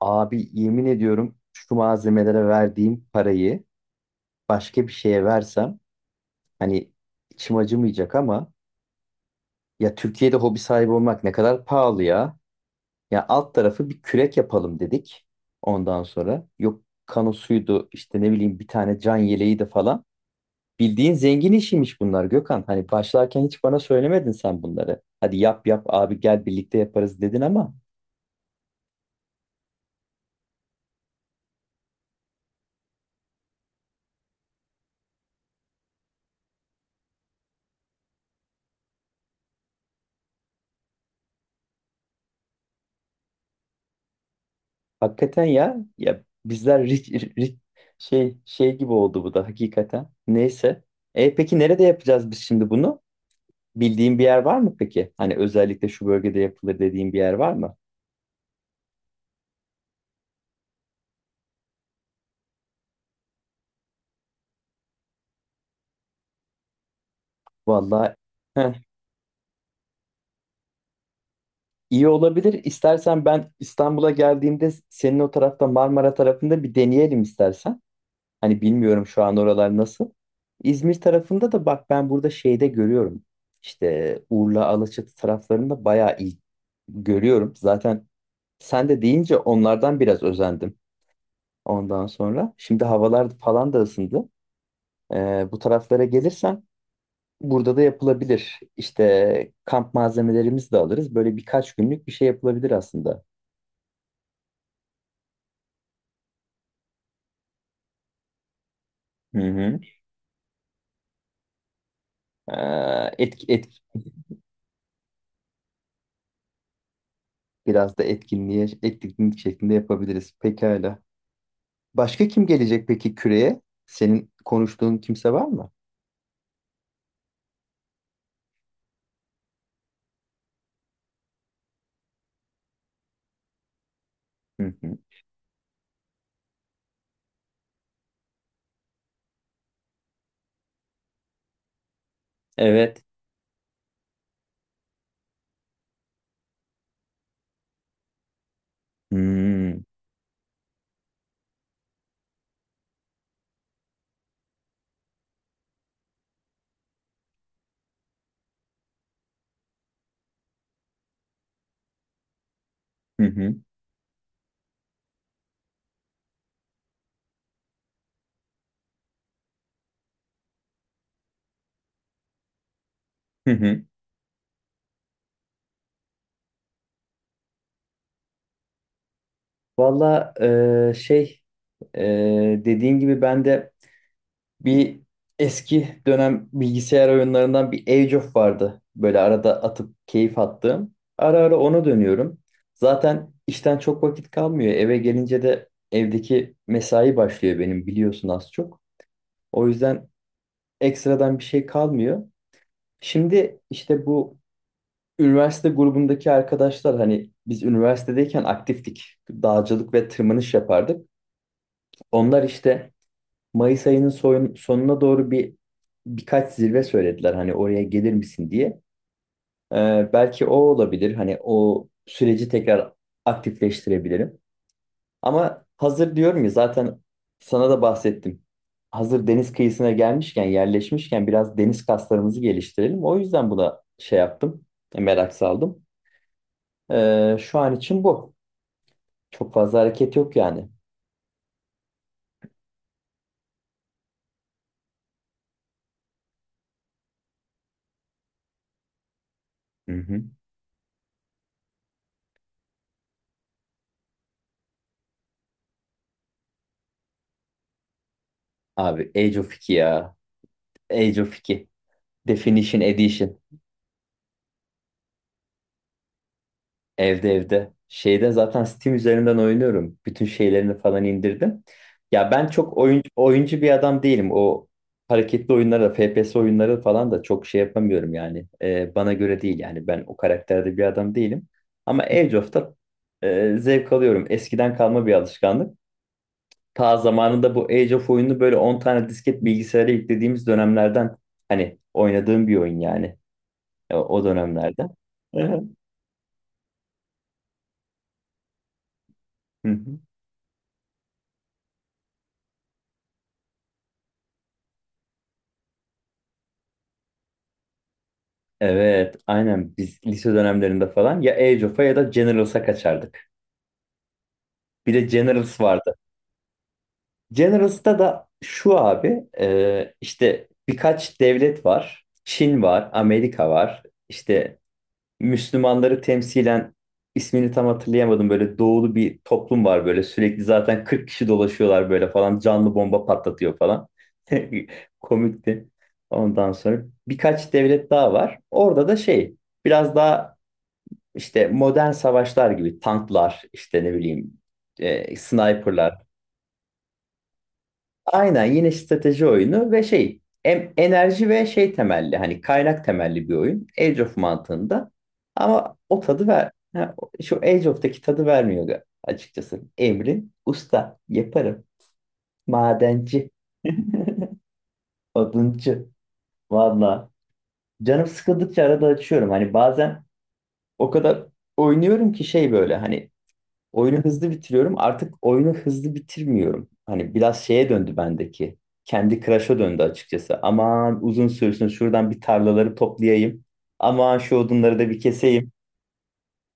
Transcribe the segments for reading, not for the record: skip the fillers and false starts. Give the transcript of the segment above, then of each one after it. Abi yemin ediyorum şu malzemelere verdiğim parayı başka bir şeye versem hani içim acımayacak ama ya Türkiye'de hobi sahibi olmak ne kadar pahalı ya. Ya alt tarafı bir kürek yapalım dedik ondan sonra. Yok kanosuydu işte ne bileyim bir tane can yeleği de falan. Bildiğin zengin işiymiş bunlar Gökhan. Hani başlarken hiç bana söylemedin sen bunları. Hadi yap yap abi gel birlikte yaparız dedin ama hakikaten ya. Ya bizler rit- şey gibi oldu bu da hakikaten. Neyse. E peki nerede yapacağız biz şimdi bunu? Bildiğin bir yer var mı peki? Hani özellikle şu bölgede yapılır dediğin bir yer var mı? Vallahi heh, iyi olabilir. İstersen ben İstanbul'a geldiğimde senin o tarafta Marmara tarafında bir deneyelim istersen. Hani bilmiyorum şu an oralar nasıl. İzmir tarafında da bak ben burada şeyde görüyorum. İşte Urla, Alaçatı taraflarında bayağı iyi görüyorum. Zaten sen de deyince onlardan biraz özendim ondan sonra. Şimdi havalar falan da ısındı. Bu taraflara gelirsen burada da yapılabilir. İşte kamp malzemelerimizi de alırız. Böyle birkaç günlük bir şey yapılabilir aslında. Hı hı. Ee, etki, etki, Biraz da etkinlik şeklinde yapabiliriz. Pekala. Başka kim gelecek peki küreye? Senin konuştuğun kimse var mı? Hı hı. Evet. Hmm. Hı hı. Hı hı. Valla şey dediğin gibi ben de bir eski dönem bilgisayar oyunlarından bir Age of vardı. Böyle arada atıp keyif attığım. Ara ara ona dönüyorum. Zaten işten çok vakit kalmıyor. Eve gelince de evdeki mesai başlıyor benim biliyorsun az çok. O yüzden ekstradan bir şey kalmıyor. Şimdi işte bu üniversite grubundaki arkadaşlar hani biz üniversitedeyken aktiftik. Dağcılık ve tırmanış yapardık. Onlar işte Mayıs ayının sonuna doğru birkaç zirve söylediler hani oraya gelir misin diye. Belki o olabilir. Hani o süreci tekrar aktifleştirebilirim. Ama hazır diyorum ya zaten sana da bahsettim. Hazır deniz kıyısına gelmişken, yerleşmişken biraz deniz kaslarımızı geliştirelim. O yüzden buna şey yaptım, merak saldım. Şu an için bu. Çok fazla hareket yok yani. Hı hı. Abi Age of 2 ya. Age of 2. Definition Edition. Evde evde. Şeyde zaten Steam üzerinden oynuyorum. Bütün şeylerini falan indirdim. Ya ben çok oyuncu bir adam değilim. O hareketli oyunlara, FPS oyunları falan da çok şey yapamıyorum yani. Bana göre değil yani. Ben o karakterde bir adam değilim. Ama Age of'ta zevk alıyorum. Eskiden kalma bir alışkanlık. Ta zamanında bu Age of oyunu böyle 10 tane disket bilgisayara yüklediğimiz dönemlerden hani oynadığım bir oyun yani o dönemlerde. Hı hı. Hı hı. Evet, aynen biz lise dönemlerinde falan ya Age of'a ya da Generals'a kaçardık. Bir de Generals vardı. Generals'ta da şu abi işte birkaç devlet var. Çin var, Amerika var, işte Müslümanları temsilen ismini tam hatırlayamadım böyle doğulu bir toplum var böyle sürekli zaten 40 kişi dolaşıyorlar böyle falan canlı bomba patlatıyor falan. Komikti. Ondan sonra birkaç devlet daha var. Orada da şey biraz daha işte modern savaşlar gibi tanklar işte ne bileyim sniperlar. Aynen yine strateji oyunu ve şey enerji ve şey temelli hani kaynak temelli bir oyun Age of mantığında ama o tadı şu Age of'taki tadı vermiyor açıkçası. Emrin usta yaparım madenci oduncu valla canım sıkıldıkça arada açıyorum hani bazen o kadar oynuyorum ki şey böyle hani oyunu hızlı bitiriyorum. Artık oyunu hızlı bitirmiyorum. Hani biraz şeye döndü bendeki. Kendi Crush'a döndü açıkçası. Aman uzun sürsün şuradan bir tarlaları toplayayım. Aman şu odunları da bir keseyim.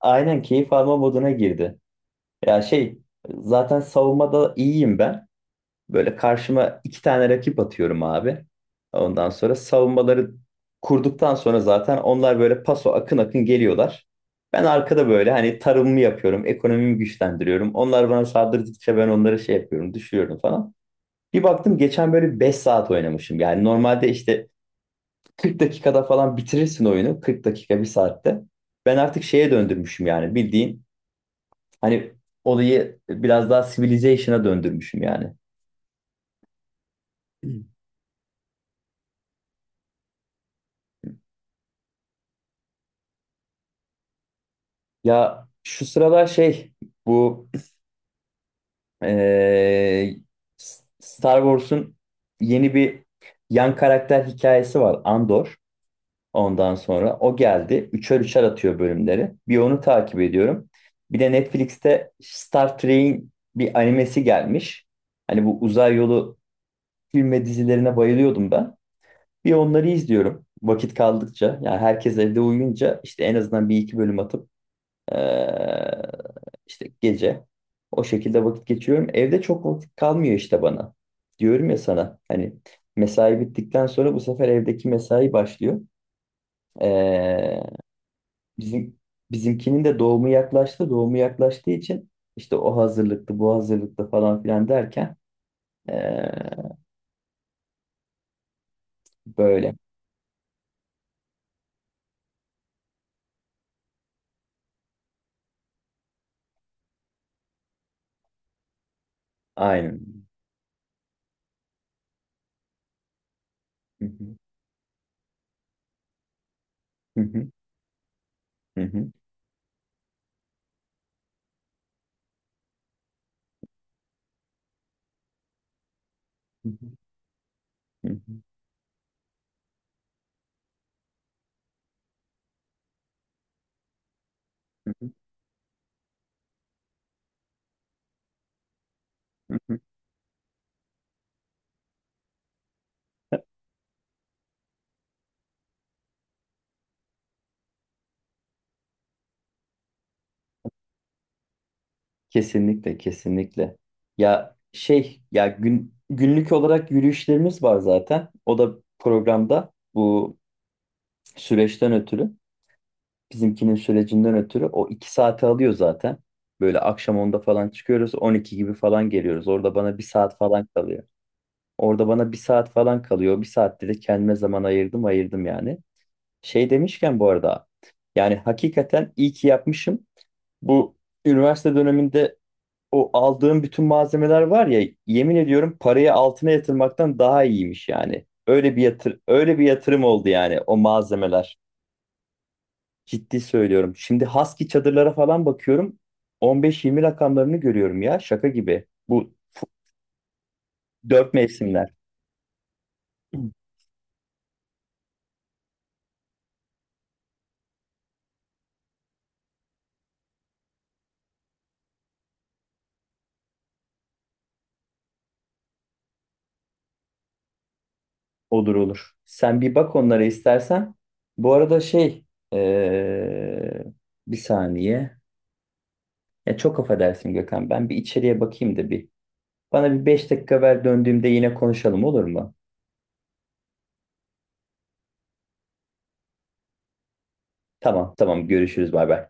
Aynen keyif alma moduna girdi. Ya şey zaten savunmada iyiyim ben. Böyle karşıma 2 tane rakip atıyorum abi. Ondan sonra savunmaları kurduktan sonra zaten onlar böyle paso akın akın geliyorlar. Ben arkada böyle hani tarımımı yapıyorum, ekonomimi güçlendiriyorum. Onlar bana saldırdıkça ben onları şey yapıyorum, düşürüyorum falan. Bir baktım geçen böyle 5 saat oynamışım. Yani normalde işte 40 dakikada falan bitirirsin oyunu. 40 dakika, bir saatte. Ben artık şeye döndürmüşüm yani bildiğin. Hani olayı biraz daha civilization'a döndürmüşüm yani. Ya şu sıralar şey bu eee, Star Wars'un yeni bir yan karakter hikayesi var Andor. Ondan sonra o geldi. Üçer üçer atıyor bölümleri. Bir onu takip ediyorum. Bir de Netflix'te Star Trek'in bir animesi gelmiş. Hani bu uzay yolu film ve dizilerine bayılıyordum ben. Bir onları izliyorum vakit kaldıkça. Yani herkes evde uyuyunca işte en azından bir iki bölüm atıp Ee, işte gece o şekilde vakit geçiriyorum. Evde çok vakit kalmıyor işte bana. Diyorum ya sana hani mesai bittikten sonra bu sefer evdeki mesai başlıyor. Ee, bizim Bizimkinin de doğumu yaklaştı. Doğumu yaklaştığı için işte o hazırlıklı, bu hazırlıklı falan filan derken ee, böyle. Aynen. Hı hı, hı hı, hı hı, hı hı, hı hı, hı hı, hı hı. Kesinlikle, kesinlikle. Ya şey, ya gün günlük olarak yürüyüşlerimiz var zaten. O da programda bu süreçten ötürü, bizimkinin sürecinden ötürü o 2 saati alıyor zaten. Böyle akşam 10'da falan çıkıyoruz, 12 gibi falan geliyoruz. Orada bana 1 saat falan kalıyor. Orada bana bir saat falan kalıyor. 1 saatte de kendime zaman ayırdım yani. Şey demişken bu arada, yani hakikaten iyi ki yapmışım. Bu üniversite döneminde o aldığım bütün malzemeler var ya yemin ediyorum parayı altına yatırmaktan daha iyiymiş yani. Öyle bir yatır öyle bir yatırım oldu yani o malzemeler. Ciddi söylüyorum. Şimdi Husky çadırlara falan bakıyorum. 15-20 rakamlarını görüyorum ya şaka gibi. Dört mevsimler. Olur olur. Sen bir bak onlara istersen. Bu arada şey eee, bir saniye. Ya çok affedersin Gökhan. Ben bir içeriye bakayım da bir. Bana bir 5 dakika ver döndüğümde yine konuşalım olur mu? Tamam tamam görüşürüz bay bay.